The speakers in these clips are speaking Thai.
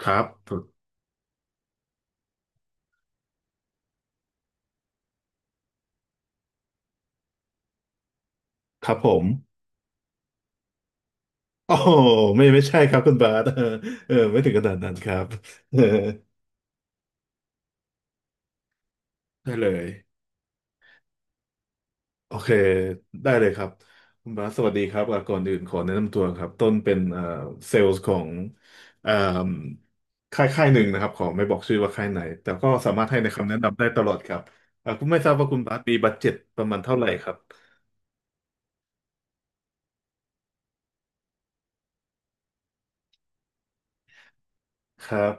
ครับครับผมโอ้โหไม่ไม่ใช่ครับคุณบาส เออเออไม่ถึงขนาดนั้นครับ เออได้เลยโอเคได้เลยครับคุณบาสสวัสดีครับอ่ะก่อนอื่นขอแนะนำตัวครับต้นเป็นเซลล์ของเอ่มค่ายค่ายหนึ่งนะครับขอไม่บอกชื่อว่าค่ายไหนแต่ก็สามารถให้ในคำแนะนำได้ตลอดครับอ่ะคุณไม่ทราบว่าคุณบาสมีบัดเจ็ตประมาณเท่าไหร่ครับครับ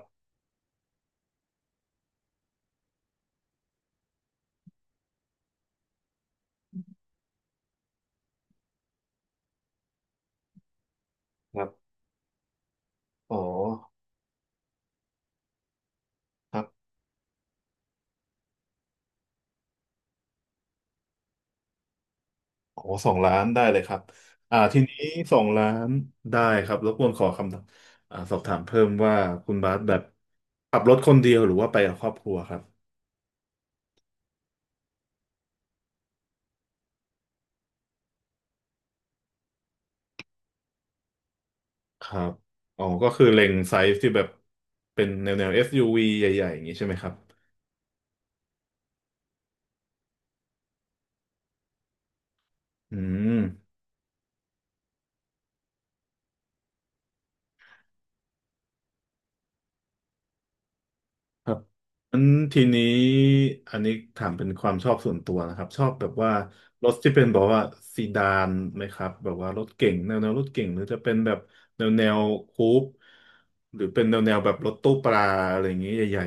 ครับอ๋อครับ โอ้สองล้านได้เลยครับ อ่าทีนี้สองล้านได้ครับรบกวนขอคำอ่าสอบถามเพิ่มว่าคุณบาสแบบขับรถคนเดียวหรือว่าไปกับครอบครัวครับครับอ๋อก็คือเล็งไซส์ที่แบบเป็นแนว SUV ใหญ่ๆอย่างนี้ใช่ไหมครับอืม ครับงั้นทีนี้อันนี้ถามเป็นความชอบส่วนตัวนะครับชอบแบบว่ารถที่เป็นแบอกว่าซีดานไหมครับแบบว่ารถเก๋งแนวรถเก๋งหรือจะเป็นแบบแนวคูปหรือเป็นแนวแบบรถตู้ปลาอะไรอย่างเงี้ยใหญ่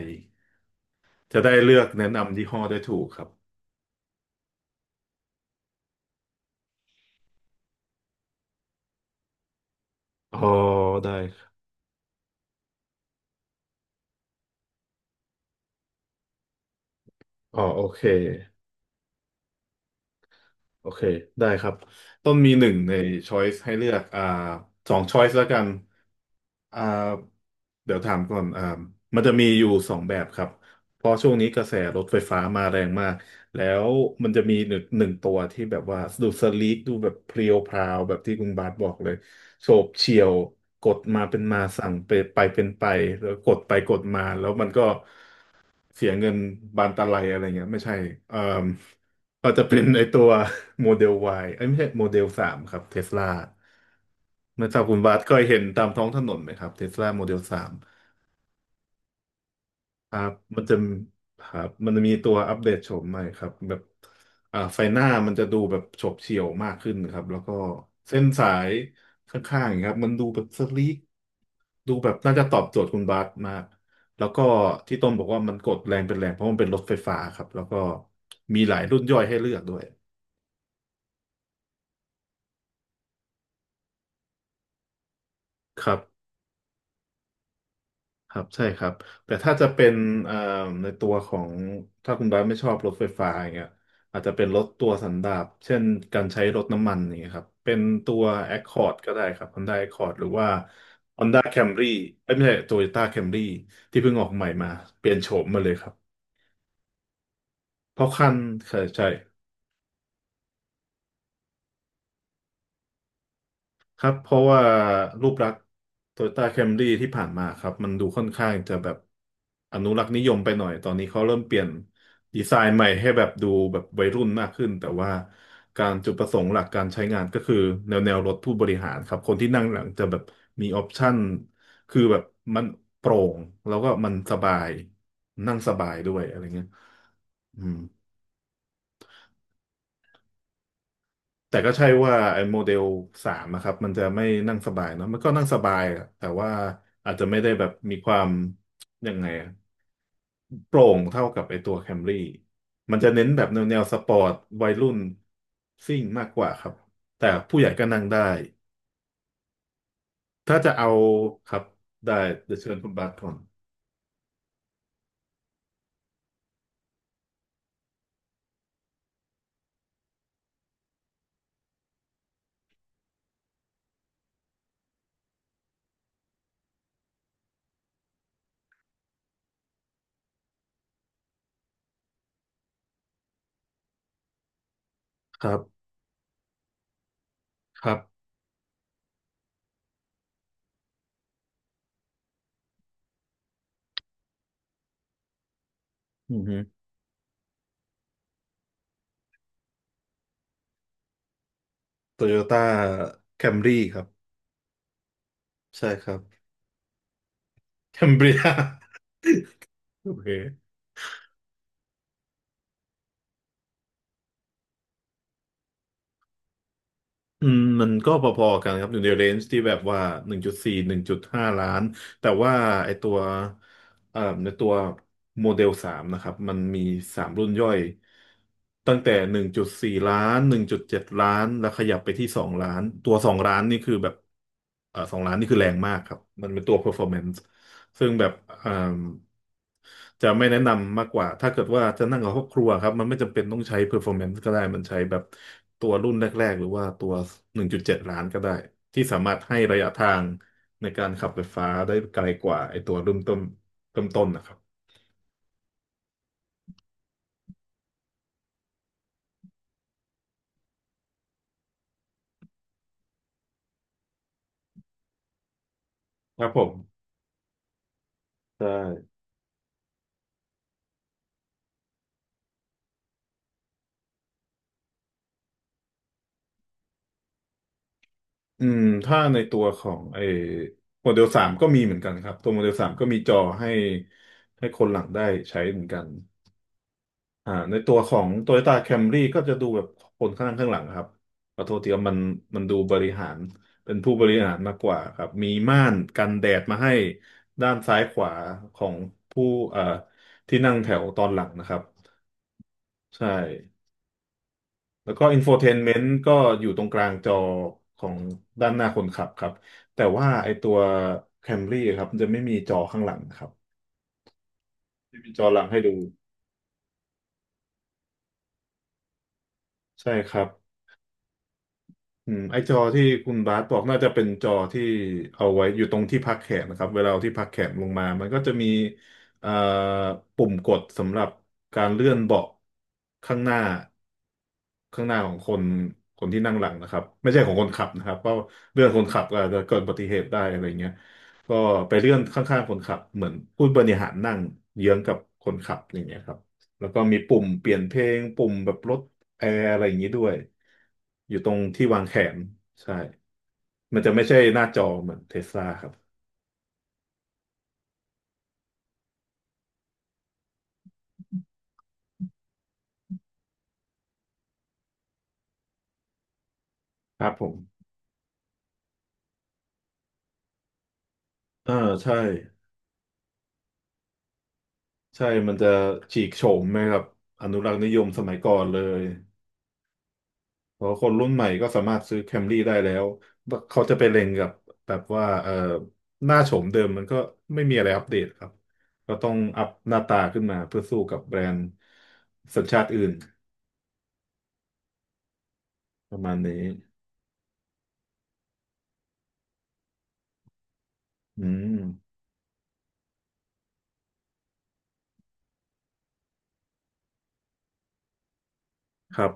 ๆจะได้เลือกแนะนำยี่ห้อได้ถูกครับอ๋อได้ครับอ๋อโอเค โอเคได้ครับต้นมีหนึ่งในช้อยส์ให้เลือกอ่าสองช้อยส์แล้วกันอ่าเดี๋ยวถามก่อนอ่ามันจะมีอยู่สองแบบครับเพราะช่วงนี้กระแสรถไฟฟ้ามาแรงมากแล้วมันจะมีหนึ่งตัวที่แบบว่าดูสลีกดูแบบเพรียวพราวแบบที่คุณบาสบอกเลยโฉบเฉี่ยวกดมาเป็นมาสั่งไปไปเป็นไปแล้วกดไปกดมาแล้วมันก็ เสียเงินบานตะไลอะไรเงี้ยไม่ใช่เอ่มเราจะเป็นไอตัว โมเดล Y ไอ้ยไม่ใช่โมเดลสามครับเทสลาไม่ทราบคุณบาทเคยเห็นตามท้องถนนไหมครับเทสลาโมเดลสาม ครับมันจะครับมันจะมีตัวอัปเดตโฉมใหม่ครับแบบอ่าไฟหน้ามันจะดูแบบโฉบเฉี่ยวมากขึ้นครับแล้วก็เส้นสายข้างๆอย่างเงี้ยครับมันดูแบบสลีกดูแบบน่าจะตอบโจทย์คุณบาสมากแล้วก็ที่ต้นบอกว่ามันกดแรงเป็นแรงเพราะมันเป็นรถไฟฟ้าครับแล้วก็มีหลายรุ่นย่อยให้เลือกด้วยครับ ครับใช่ครับแต่ถ้าจะเป็นเอ่อในตัวของถ้าคุณบาสไม่ชอบรถไฟฟ้าอย่างเงี้ยอาจจะเป็นรถตัวสันดาปเช่นการใช้รถน้ำมันอย่างเงี้ยครับเป็นตัว Accord ก็ได้ครับ Honda Accord หรือว่า Honda Camry เอ้ยไม่ใช่ Toyota Camry ที่เพิ่งออกใหม่มาเปลี่ยนโฉมมาเลยครับเพราะคันใช่ใช่ ครับเพราะว่ารูปลักษณ์โตโยต้าแคมรี่ที่ผ่านมาครับมันดูค่อนข้างจะแบบอนุรักษ์นิยมไปหน่อยตอนนี้เขาเริ่มเปลี่ยนดีไซน์ใหม่ให้แบบดูแบบวัยรุ่นมากขึ้นแต่ว่าการจุดประสงค์หลักการใช้งานก็คือแนวรถผู้บริหารครับคนที่นั่งหลังจะแบบมีออปชั n นคือแบบมันโปร่งแล้วก็มันสบายนั่งสบายด้วยอะไรเงี้ยอืม แต่ก็ใช่ว่าไอ้โมเดลสามนะครับมันจะไม่นั่งสบายเนอะมันก็นั่งสบายอะแต่ว่าอาจจะไม่ได้แบบมีความยังไงอะโปร่งเท่ากับไอ้ตัวแคมรี่มันจะเน้นแบบแนวสปอร์ตวัยรุ่นซิ่งมากกว่าครับแต่ผู้ใหญ่ก็นั่งได้ถ้าจะเอาครับได้เดี๋ยวเชิญคุณบาสก่อนครับครับอือฮึโตโยต้าแคมรี่ครับใช่ครับแคมเบรีย โอเค อืมมันก็พอๆกันครับอยู่ในเรนจ์ที่แบบว่าหนึ่งจุดสี่หนึ่งจุดห้าล้านแต่ว่าไอตัวในตัวโมเดลสามนะครับมันมีสามรุ่นย่อยตั้งแต่หนึ่งจุดสี่ล้านหนึ่งจุดเจ็ดล้านแล้วขยับไปที่สองล้านตัวสองล้านนี่คือแบบสองล้านนี่คือแรงมากครับมันเป็นตัว performance ซึ่งแบบอ่าจะไม่แนะนำมากกว่าถ้าเกิดว่าจะนั่งกับครอบครัวครับมันไม่จำเป็นต้องใช้ performance ก็ได้มันใช้แบบตัวรุ่นแรกๆหรือว่าตัว 1.7 ล้านก็ได้ที่สามารถให้ระยะทางในการขับไฟฟ้าได้ไกลกว่าไอตัวเริ่มต้นนะครับครับผมใช่อืมถ้าในตัวของไอโมเดลสามก็มีเหมือนกันครับตัวโมเดลสามก็มีจอให้ให้คนหลังได้ใช้เหมือนกัน อ่าในตัวของ Toyota Camry ก็จะดูแบบคนข้างหน้าข้างหลังครับขอโทษทีครับมันดูบริหารเป็นผู้บริหารมากกว่าครับมีม่านกันแดดมาให้ด้านซ้ายขวาของผู้เอ่อที่นั่งแถวตอนหลังนะครับใช่แล้วก็อินโฟเทนเมนต์ก็อยู่ตรงกลางจอของด้านหน้าคนขับครับแต่ว่าไอตัว Camry ครับมันจะไม่มีจอข้างหลังนะครับไม่มีจอหลังให้ดูใช่ครับ อืมไอ้จอที่คุณบาสบอกน่าจะเป็นจอที่เอาไว้อยู่ตรงที่พักแขนนะครับเวลาเอาที่พักแขนลงมา มันก็จะมีเอ่อปุ่มกดสำหรับการเลื่อนเบาะข้างหน้าข้างหน้าของคนที่นั่งหลังนะครับไม่ใช่ของคนขับนะครับเพราะเลื่อนคนขับก็อาจจะเกิดอุบัติเหตุได้อะไรเงี้ยก็ไปเลื่อนข้างๆคนขับเหมือนผู้บริหารนั่งเยื้องกับคนขับอย่างเงี้ยครับแล้วก็มีปุ่มเปลี่ยนเพลงปุ่มแบบลด แอร์อะไรอย่างนี้ด้วยอยู่ตรงที่วางแขนใช่มันจะไม่ใช่หน้าจอเหมือนเทสลาครับครับผมอ่าใช่ใช่ มันจะฉีกโฉมไหมครับอนุรักษ์นิยมสมัยก่อนเลยเพราะคนรุ่นใหม่ก็สามารถซื้อแคมรี่ได้แล้วว่าเขาจะไปเล็งกับแบบว่าหน้าโฉมเดิมมันก็ไม่มีอะไรอัปเดตครับก็ต้องอัพหน้าตาขึ้นมาเพื่อสู้กับแบรนด์สัญชาติอื่นประมาณนี้อืมครับ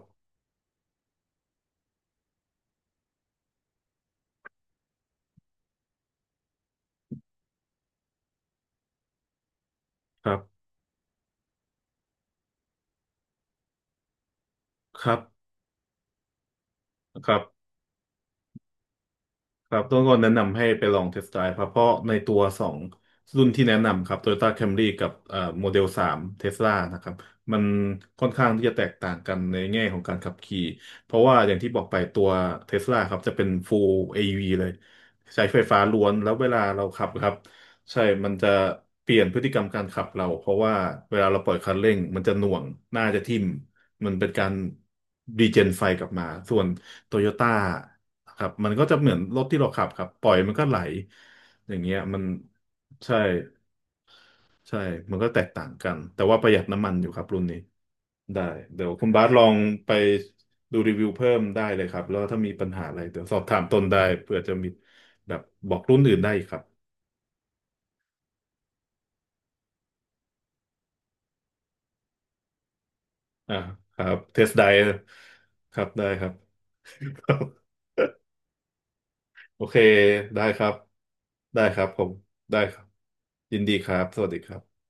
ครับครับครับ ครับต้องก็แนะนำให้ไปลองเทสต์ไดรฟ์ครับเพราะในตัวสองรุ่นที่แนะนำครับ Toyota Camry กับโมเดลสามเทสลานะครับมันค่อนข้างที่จะแตกต่างกันในแง่ของการขับขี่เพราะว่าอย่างที่บอกไปตัวเทสลาครับจะเป็น Full AV เลยใช้ไฟฟ้าล้วนแล้วเวลาเราขับครับใช่มันจะเปลี่ยนพฤติกรรมการขับเราเพราะว่าเวลาเราปล่อยคันเร่งมันจะหน่วงหน้าจะทิ่มมันเป็นการรีเจนไฟกลับมาส่วน โตโยต้าครับมันก็จะเหมือนรถที่เราขับครับปล่อยมันก็ไหลอย่างเงี้ยมันใช่ใช่มันก็แตกต่างกันแต่ว่าประหยัดน้ำมันอยู่ครับรุ่นนี้ได้เดี๋ยวคุณบาสลองไปดูรีวิวเพิ่มได้เลยครับแล้วถ้ามีปัญหาอะไรเดี๋ยวสอบถามต้นได้เผื่อจะมีแบบบอกรุ่นอื่นได้อีกครับอ่าครับเทสไดครับได้ครับ ครับโอเคได้ครับได้ครับผมได้ครับยินดีครับสวัสดีครับ